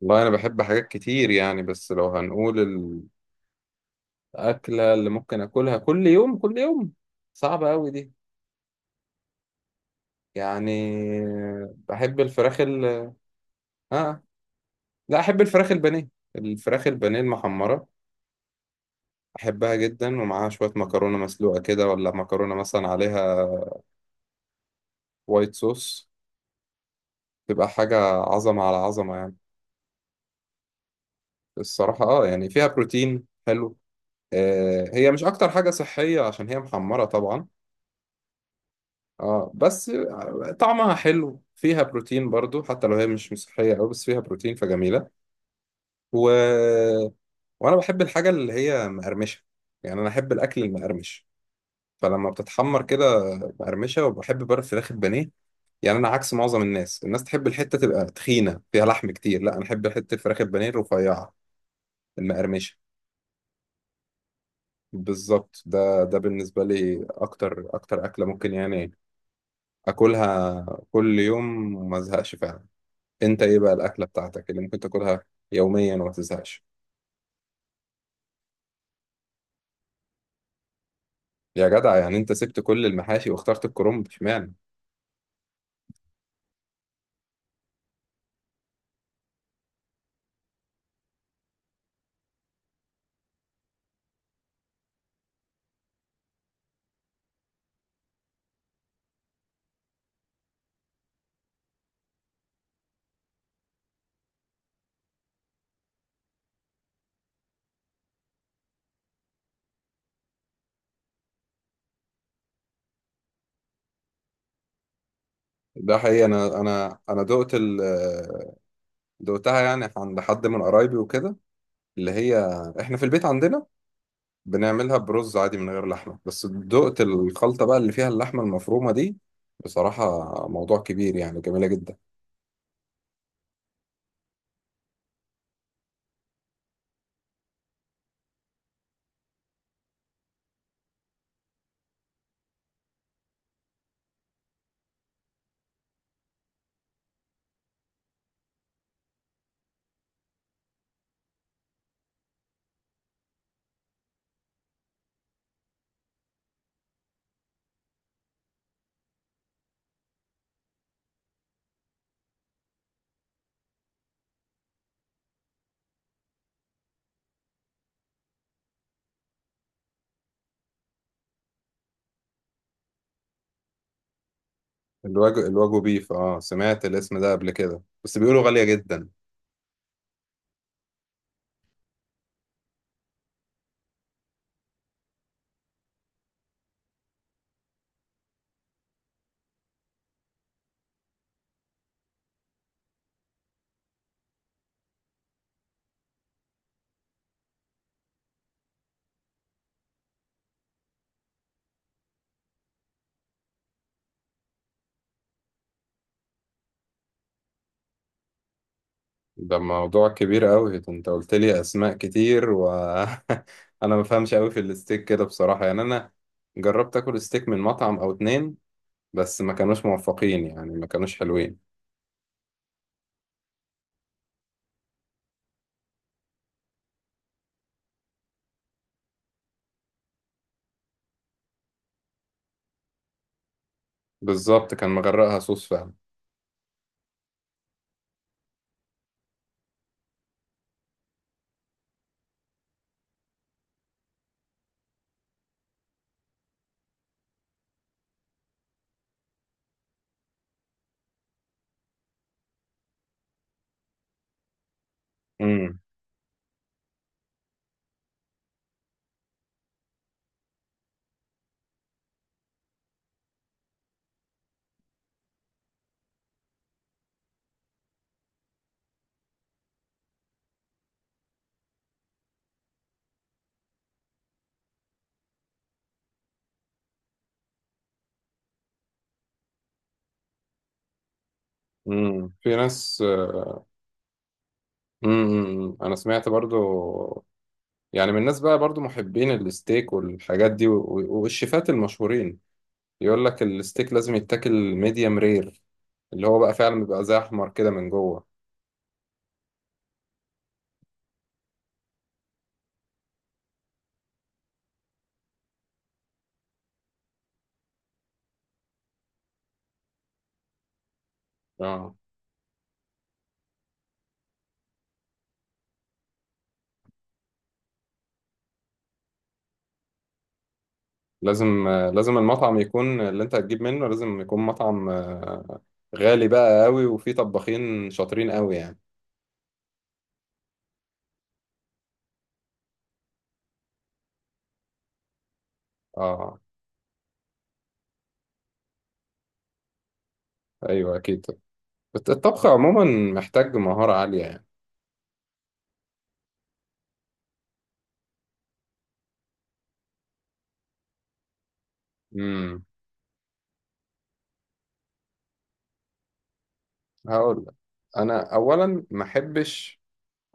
والله أنا بحب حاجات كتير، يعني بس لو هنقول الأكلة اللي ممكن أكلها كل يوم كل يوم، صعبة أوي دي. يعني بحب الفراخ ال آه لا، أحب الفراخ البانيه. الفراخ البانيه المحمرة أحبها جدا، ومعاها شوية مكرونة مسلوقة كده، ولا مكرونة مثلا عليها وايت صوص. تبقى حاجة عظمة على عظمة يعني. الصراحة يعني فيها بروتين حلو. هي مش أكتر حاجة صحية عشان هي محمرة طبعا. اه، بس طعمها حلو، فيها بروتين برضو، حتى لو هي مش صحية أوي بس فيها بروتين فجميلة. و... وأنا بحب الحاجة اللي هي مقرمشة، يعني أنا أحب الأكل المقرمش. فلما بتتحمر كده مقرمشة، وبحب بقى الفراخ البانيه. يعني أنا عكس معظم الناس، الناس تحب الحتة تبقى تخينة فيها لحم كتير، لا أنا أحب حتة الفراخ البانيه الرفيعة المقرمشة. بالظبط، ده بالنسبة لي أكتر أكتر أكلة ممكن يعني أكلها كل يوم وما أزهقش فعلا. انت ايه بقى الاكله بتاعتك اللي ممكن تاكلها يوميا وما تزهقش؟ يا جدع، يعني انت سبت كل المحاشي واخترت الكرنب اشمعنى؟ ده حقيقي، انا انا انا دقتها، يعني عند حد من قرايبي وكده، اللي هي احنا في البيت عندنا بنعملها برز عادي من غير لحمه، بس دقت الخلطه بقى اللي فيها اللحمه المفرومه دي. بصراحه، موضوع كبير يعني، جميله جدا. الواجو، الواجو بيف، اه سمعت الاسم ده قبل كده بس بيقولوا غاليه جدا. ده موضوع كبير قوي، انت قلت لي اسماء كتير وانا ما بفهمش قوي في الستيك كده بصراحة. يعني انا جربت اكل ستيك من مطعم او اتنين، بس ما كانوش موفقين، يعني ما كانوش حلوين. بالظبط، كان مغرقها صوص فعلا. امم في ناس انا سمعت برضو، يعني من الناس بقى برضو محبين الستيك والحاجات دي، والشيفات المشهورين يقول لك الستيك لازم يتاكل ميديم رير، اللي هو بقى فعلا بيبقى زي احمر كده من جوه. اه، لازم لازم المطعم يكون، اللي انت هتجيب منه لازم يكون مطعم غالي بقى قوي وفيه طباخين شاطرين قوي يعني. اه، ايوه اكيد. الطبخ عموما محتاج مهارة عالية يعني. امم هقول لك. انا اولا ما احبش،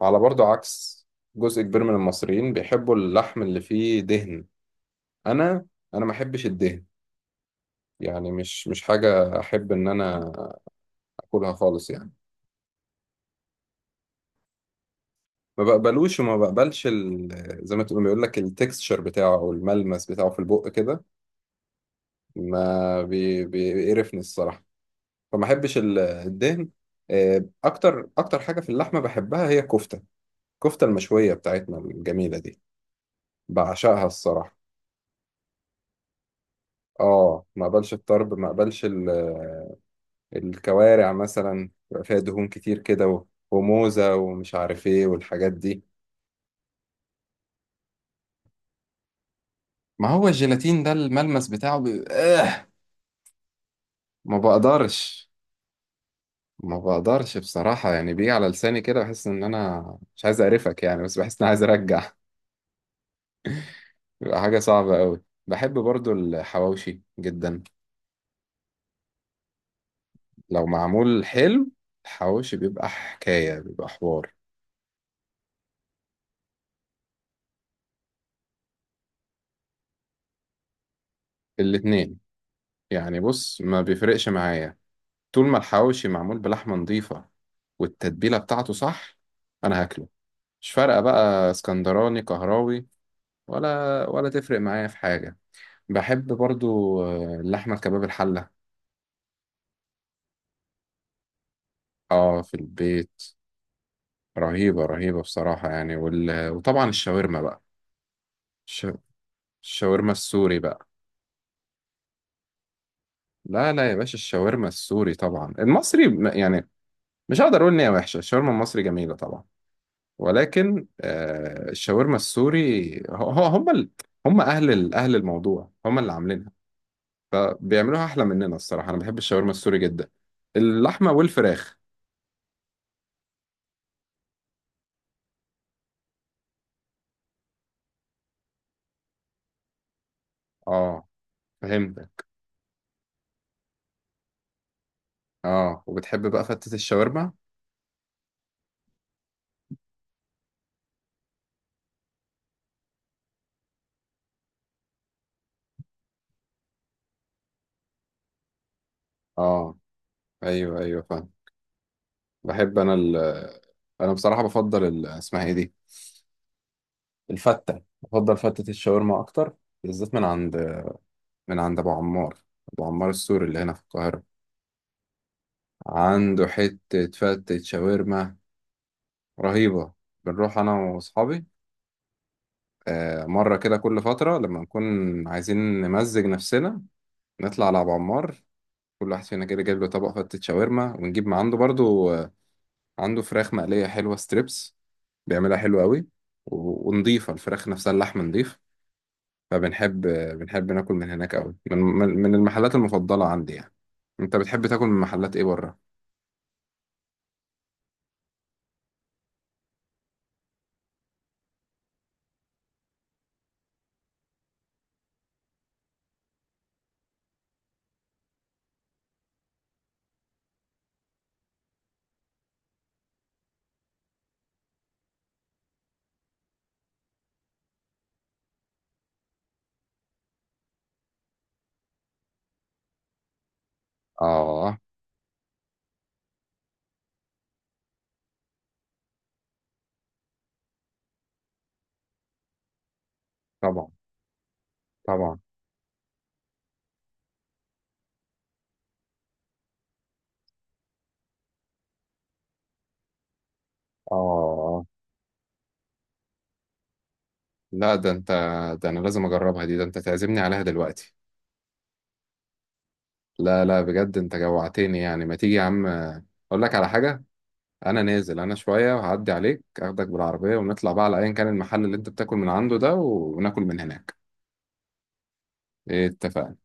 على برضو عكس جزء كبير من المصريين بيحبوا اللحم اللي فيه دهن. انا انا ما احبش الدهن، يعني مش حاجة احب ان انا اكلها خالص يعني. ما بقبلوش، وما بقبلش زي ما تقول، بيقول لك التكستشر بتاعه، او الملمس بتاعه في البق كده. ما بي... بي- بيقرفني الصراحه. فما احبش الدهن. اكتر اكتر حاجه في اللحمه بحبها هي الكفته، الكفته المشويه بتاعتنا الجميله دي، بعشقها الصراحه. اه، ما اقبلش الطرب، ما اقبلش الكوارع مثلا بيبقى فيها دهون كتير كده، وموزه ومش عارف ايه والحاجات دي. ما هو الجيلاتين ده الملمس بتاعه بي... آه ما بقدرش، ما بقدرش بصراحة، يعني بيجي على لساني كده بحس إن أنا مش عايز أقرفك يعني، بس بحس إن أنا عايز أرجع بيبقى حاجة صعبة أوي. بحب برضو الحواوشي جدا لو معمول حلو. الحواوشي بيبقى حكاية، بيبقى حوار. الاتنين، يعني بص ما بيفرقش معايا. طول ما الحواوشي معمول بلحمة نظيفة والتتبيلة بتاعته صح، أنا هاكله، مش فارقة بقى اسكندراني قهراوي، ولا تفرق معايا في حاجة. بحب برضو اللحمة الكباب الحلة. اه، في البيت. رهيبة رهيبة بصراحة يعني، وطبعا الشاورما بقى. الش... الشاورما السوري بقى. لا لا يا باشا، الشاورما السوري طبعا. المصري م- يعني مش هقدر اقول ان هي وحشة، الشاورما المصري جميلة طبعا، ولكن آه الشاورما السوري هم اهل الموضوع، هم اللي عاملينها فبيعملوها احلى مننا الصراحة. انا بحب الشاورما السوري جدا، اللحمة والفراخ. اه، فهمت. اه، وبتحب بقى فتة الشاورما. اه، ايوه ايوه فاهم. بحب انا انا بصراحه بفضل اسمها ايه دي، الفته، بفضل فته الشاورما اكتر، بالذات من عند ابو عمار. ابو عمار السوري اللي هنا في القاهره، عنده حته فته شاورما رهيبه. بنروح انا واصحابي مره كده كل فتره لما نكون عايزين نمزج نفسنا، نطلع على ابو عمار. كل واحد فينا كده جايب له طبق فته شاورما، ونجيب من عنده برضو عنده فراخ مقليه حلوه، ستريبس، بيعملها حلو قوي، ونضيفة الفراخ نفسها، اللحم نضيف. فبنحب ناكل من هناك أوي، من المحلات المفضلة عندي يعني. أنت بتحب تاكل من محلات إيه بره؟ آه، طبعا طبعا، آه. لا، ده أنت، ده أنا لازم أجربها دي، ده أنت تعزمني عليها دلوقتي. لا لا، بجد أنت جوعتني يعني، ما تيجي يا عم أقول لك على حاجة؟ أنا نازل أنا شوية، وهعدي عليك أخدك بالعربية، ونطلع بقى على أيا كان المحل اللي أنت بتاكل من عنده ده، وناكل من هناك. إيه، اتفقنا.